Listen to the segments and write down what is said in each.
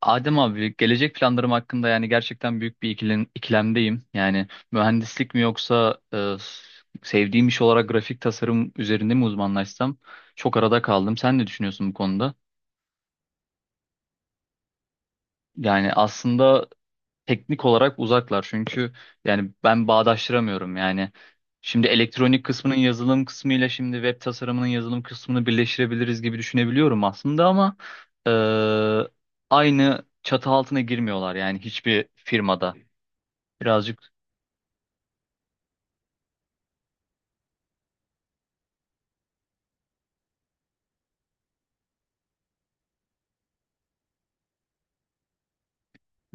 Adem abi gelecek planlarım hakkında yani gerçekten büyük bir ikilemdeyim. Yani mühendislik mi yoksa sevdiğim iş olarak grafik tasarım üzerinde mi uzmanlaşsam çok arada kaldım. Sen ne düşünüyorsun bu konuda? Yani aslında teknik olarak uzaklar çünkü yani ben bağdaştıramıyorum yani. Şimdi elektronik kısmının yazılım kısmıyla şimdi web tasarımının yazılım kısmını birleştirebiliriz gibi düşünebiliyorum aslında ama e, aynı çatı altına girmiyorlar yani hiçbir firmada. Birazcık.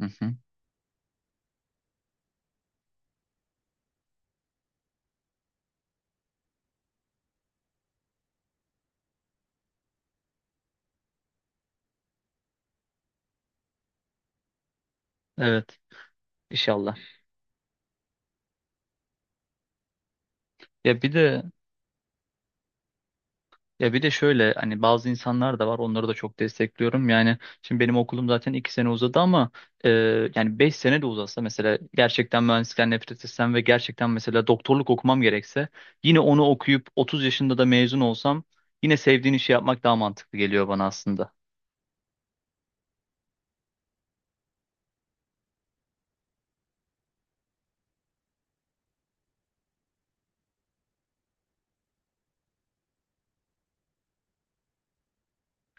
Hı hı. Evet, inşallah. Ya bir de Ya bir de şöyle hani bazı insanlar da var, onları da çok destekliyorum. Yani şimdi benim okulum zaten iki sene uzadı ama e, yani beş sene de uzasa mesela gerçekten mühendislikten nefret etsem ve gerçekten mesela doktorluk okumam gerekse yine onu okuyup 30 yaşında da mezun olsam yine sevdiğin işi yapmak daha mantıklı geliyor bana aslında.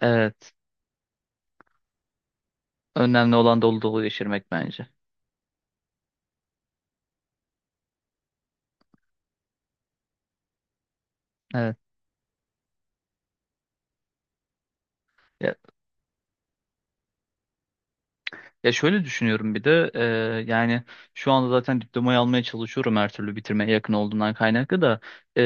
Evet. Önemli olan dolu dolu geçirmek bence. Evet. Ya şöyle düşünüyorum bir de yani şu anda zaten diplomayı almaya çalışıyorum, her türlü bitirmeye yakın olduğundan kaynaklı da e,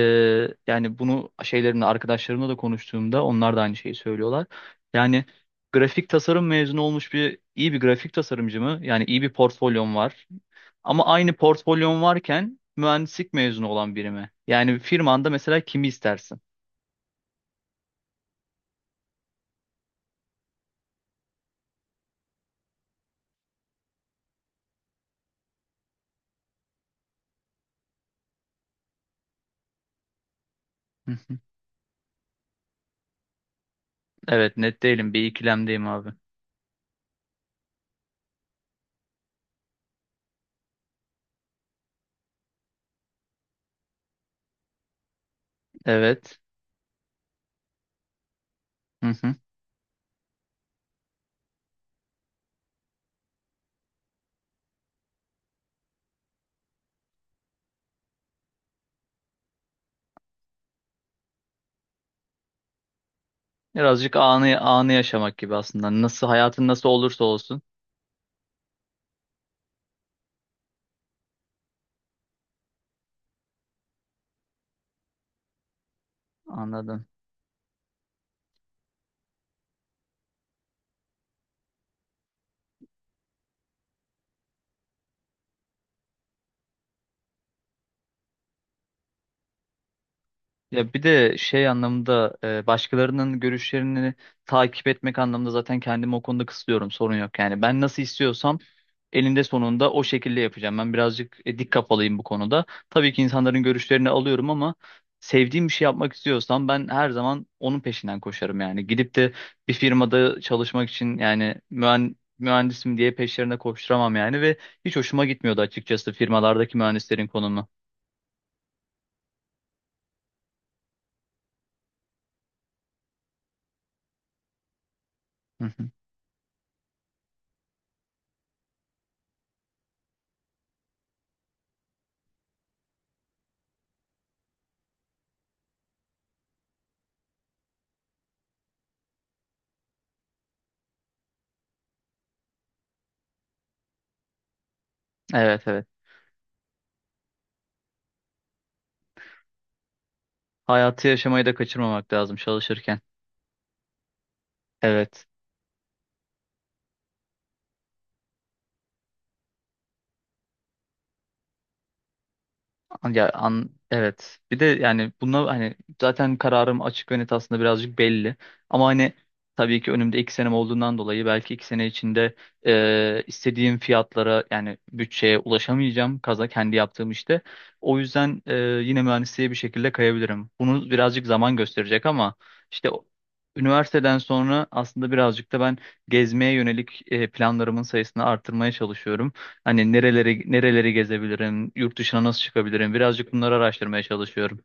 yani bunu şeylerimle arkadaşlarımla da konuştuğumda onlar da aynı şeyi söylüyorlar. Yani grafik tasarım mezunu olmuş bir iyi bir grafik tasarımcı mı? Yani iyi bir portfolyon var. Ama aynı portfolyon varken mühendislik mezunu olan biri mi? Yani firmanda mesela kimi istersin? Hı hı. Evet, net değilim, bir ikilemdeyim abi. Evet. Birazcık anı anı yaşamak gibi aslında. Nasıl hayatın nasıl olursa olsun. Anladım. Ya bir de şey anlamında başkalarının görüşlerini takip etmek anlamında zaten kendimi o konuda kısıtlıyorum. Sorun yok. Yani ben nasıl istiyorsam elinde sonunda o şekilde yapacağım. Ben birazcık dik kafalıyım bu konuda. Tabii ki insanların görüşlerini alıyorum ama sevdiğim bir şey yapmak istiyorsam ben her zaman onun peşinden koşarım yani. Gidip de bir firmada çalışmak için yani mühendisim diye peşlerine koşturamam yani ve hiç hoşuma gitmiyordu açıkçası firmalardaki mühendislerin konumu. Hı hı. Evet evet. Hayatı yaşamayı da kaçırmamak lazım çalışırken. Evet. Ya an evet. Bir de yani buna hani zaten kararım açık ve net, aslında birazcık belli. Ama hani tabii ki önümde iki senem olduğundan dolayı belki iki sene içinde istediğim fiyatlara yani bütçeye ulaşamayacağım kaza kendi yaptığım işte. O yüzden yine mühendisliğe bir şekilde kayabilirim. Bunu birazcık zaman gösterecek ama işte o- üniversiteden sonra aslında birazcık da ben gezmeye yönelik planlarımın sayısını artırmaya çalışıyorum. Hani nereleri nereleri gezebilirim, yurt dışına nasıl çıkabilirim? Birazcık bunları araştırmaya çalışıyorum.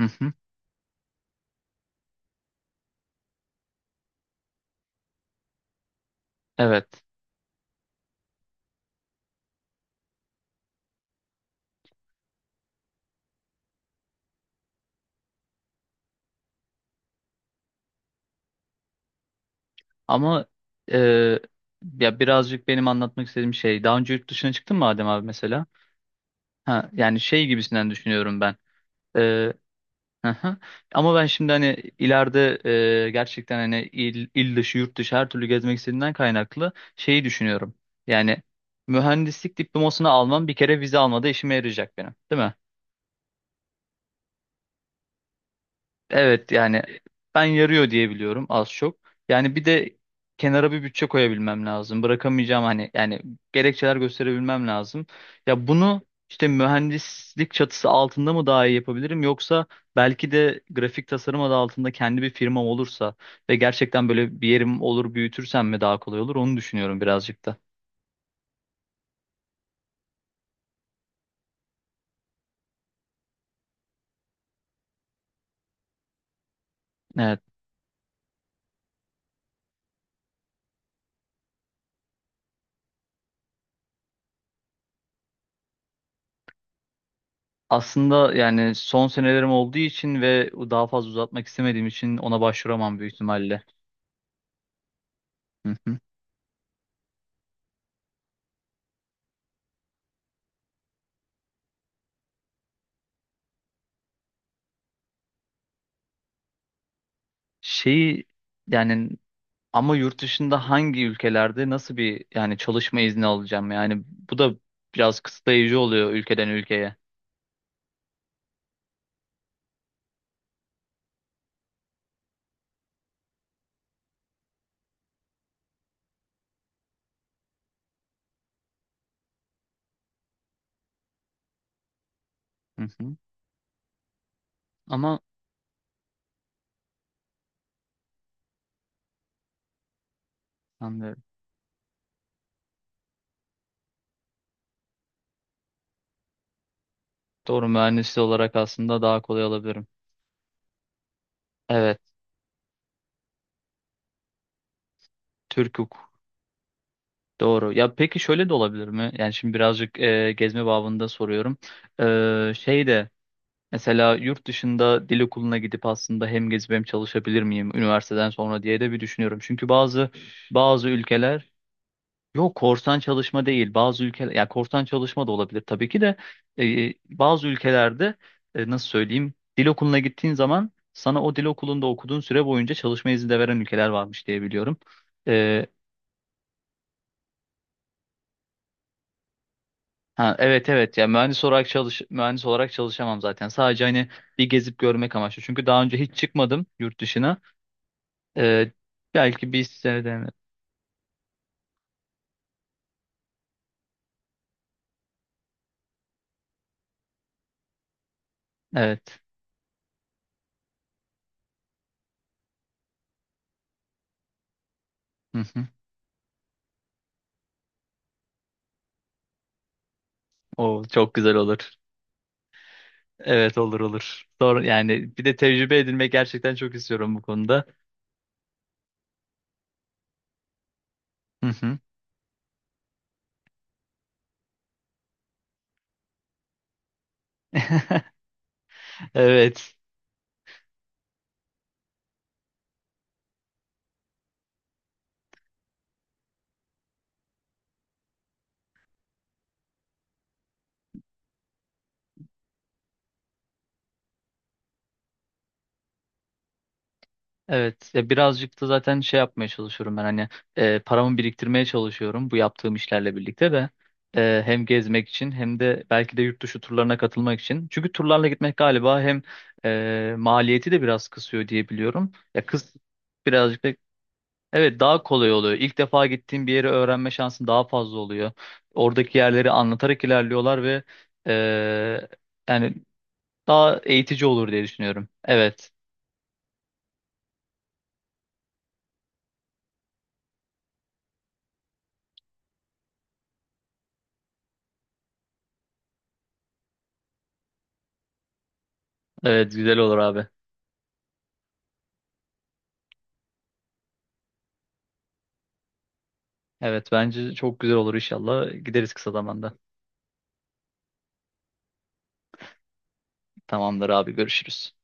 Hı hı. Evet. Ama e, ya birazcık benim anlatmak istediğim şey, daha önce yurt dışına çıktın mı Adem abi mesela? Ha, yani şey gibisinden düşünüyorum ben. E, hı hı. Ama ben şimdi hani ileride gerçekten hani il, il dışı, yurt dışı her türlü gezmek istediğimden kaynaklı şeyi düşünüyorum. Yani mühendislik diplomasını almam bir kere vize almada işime yarayacak benim, değil mi? Evet yani ben yarıyor diye biliyorum az çok. Yani bir de kenara bir bütçe koyabilmem lazım. Bırakamayacağım hani yani gerekçeler gösterebilmem lazım. Ya bunu işte mühendislik çatısı altında mı daha iyi yapabilirim, yoksa belki de grafik tasarım adı altında kendi bir firmam olursa ve gerçekten böyle bir yerim olur, büyütürsem mi daha kolay olur, onu düşünüyorum birazcık da. Evet. Aslında yani son senelerim olduğu için ve daha fazla uzatmak istemediğim için ona başvuramam büyük ihtimalle. Şeyi yani ama yurt dışında hangi ülkelerde nasıl bir yani çalışma izni alacağım? Yani bu da biraz kısıtlayıcı oluyor ülkeden ülkeye. Hı hı. Ama anlıyorum. Doğru, mühendis olarak aslında daha kolay alabilirim. Evet, Türk hukuk. Doğru. Ya peki şöyle de olabilir mi? Yani şimdi birazcık gezme babında soruyorum. E, şey de mesela yurt dışında dil okuluna gidip aslında hem gezip hem çalışabilir miyim üniversiteden sonra diye de bir düşünüyorum. Çünkü bazı ülkeler. Yok, korsan çalışma değil. Bazı ülkeler ya korsan çalışma da olabilir tabii ki de bazı ülkelerde nasıl söyleyeyim, dil okuluna gittiğin zaman sana o dil okulunda okuduğun süre boyunca çalışma izni de veren ülkeler varmış diye biliyorum. E, ha, evet evet, ya mühendis olarak çalışamam zaten. Sadece hani bir gezip görmek amaçlı. Çünkü daha önce hiç çıkmadım yurt dışına. E, belki bir sene de-. Evet. Hı hı. O çok güzel olur. Evet olur olur. Doğru, yani bir de tecrübe edinmek gerçekten çok istiyorum bu konuda. Hı hı. Evet. Evet. Ya birazcık da zaten şey yapmaya çalışıyorum ben hani paramı biriktirmeye çalışıyorum bu yaptığım işlerle birlikte de. E, hem gezmek için hem de belki de yurt dışı turlarına katılmak için. Çünkü turlarla gitmek galiba hem maliyeti de biraz kısıyor diye biliyorum. Ya kıs birazcık da Evet, daha kolay oluyor. İlk defa gittiğin bir yeri öğrenme şansın daha fazla oluyor. Oradaki yerleri anlatarak ilerliyorlar ve eee, yani daha eğitici olur diye düşünüyorum. Evet. Evet, güzel olur abi. Evet, bence çok güzel olur inşallah. Gideriz kısa zamanda. Tamamdır abi, görüşürüz.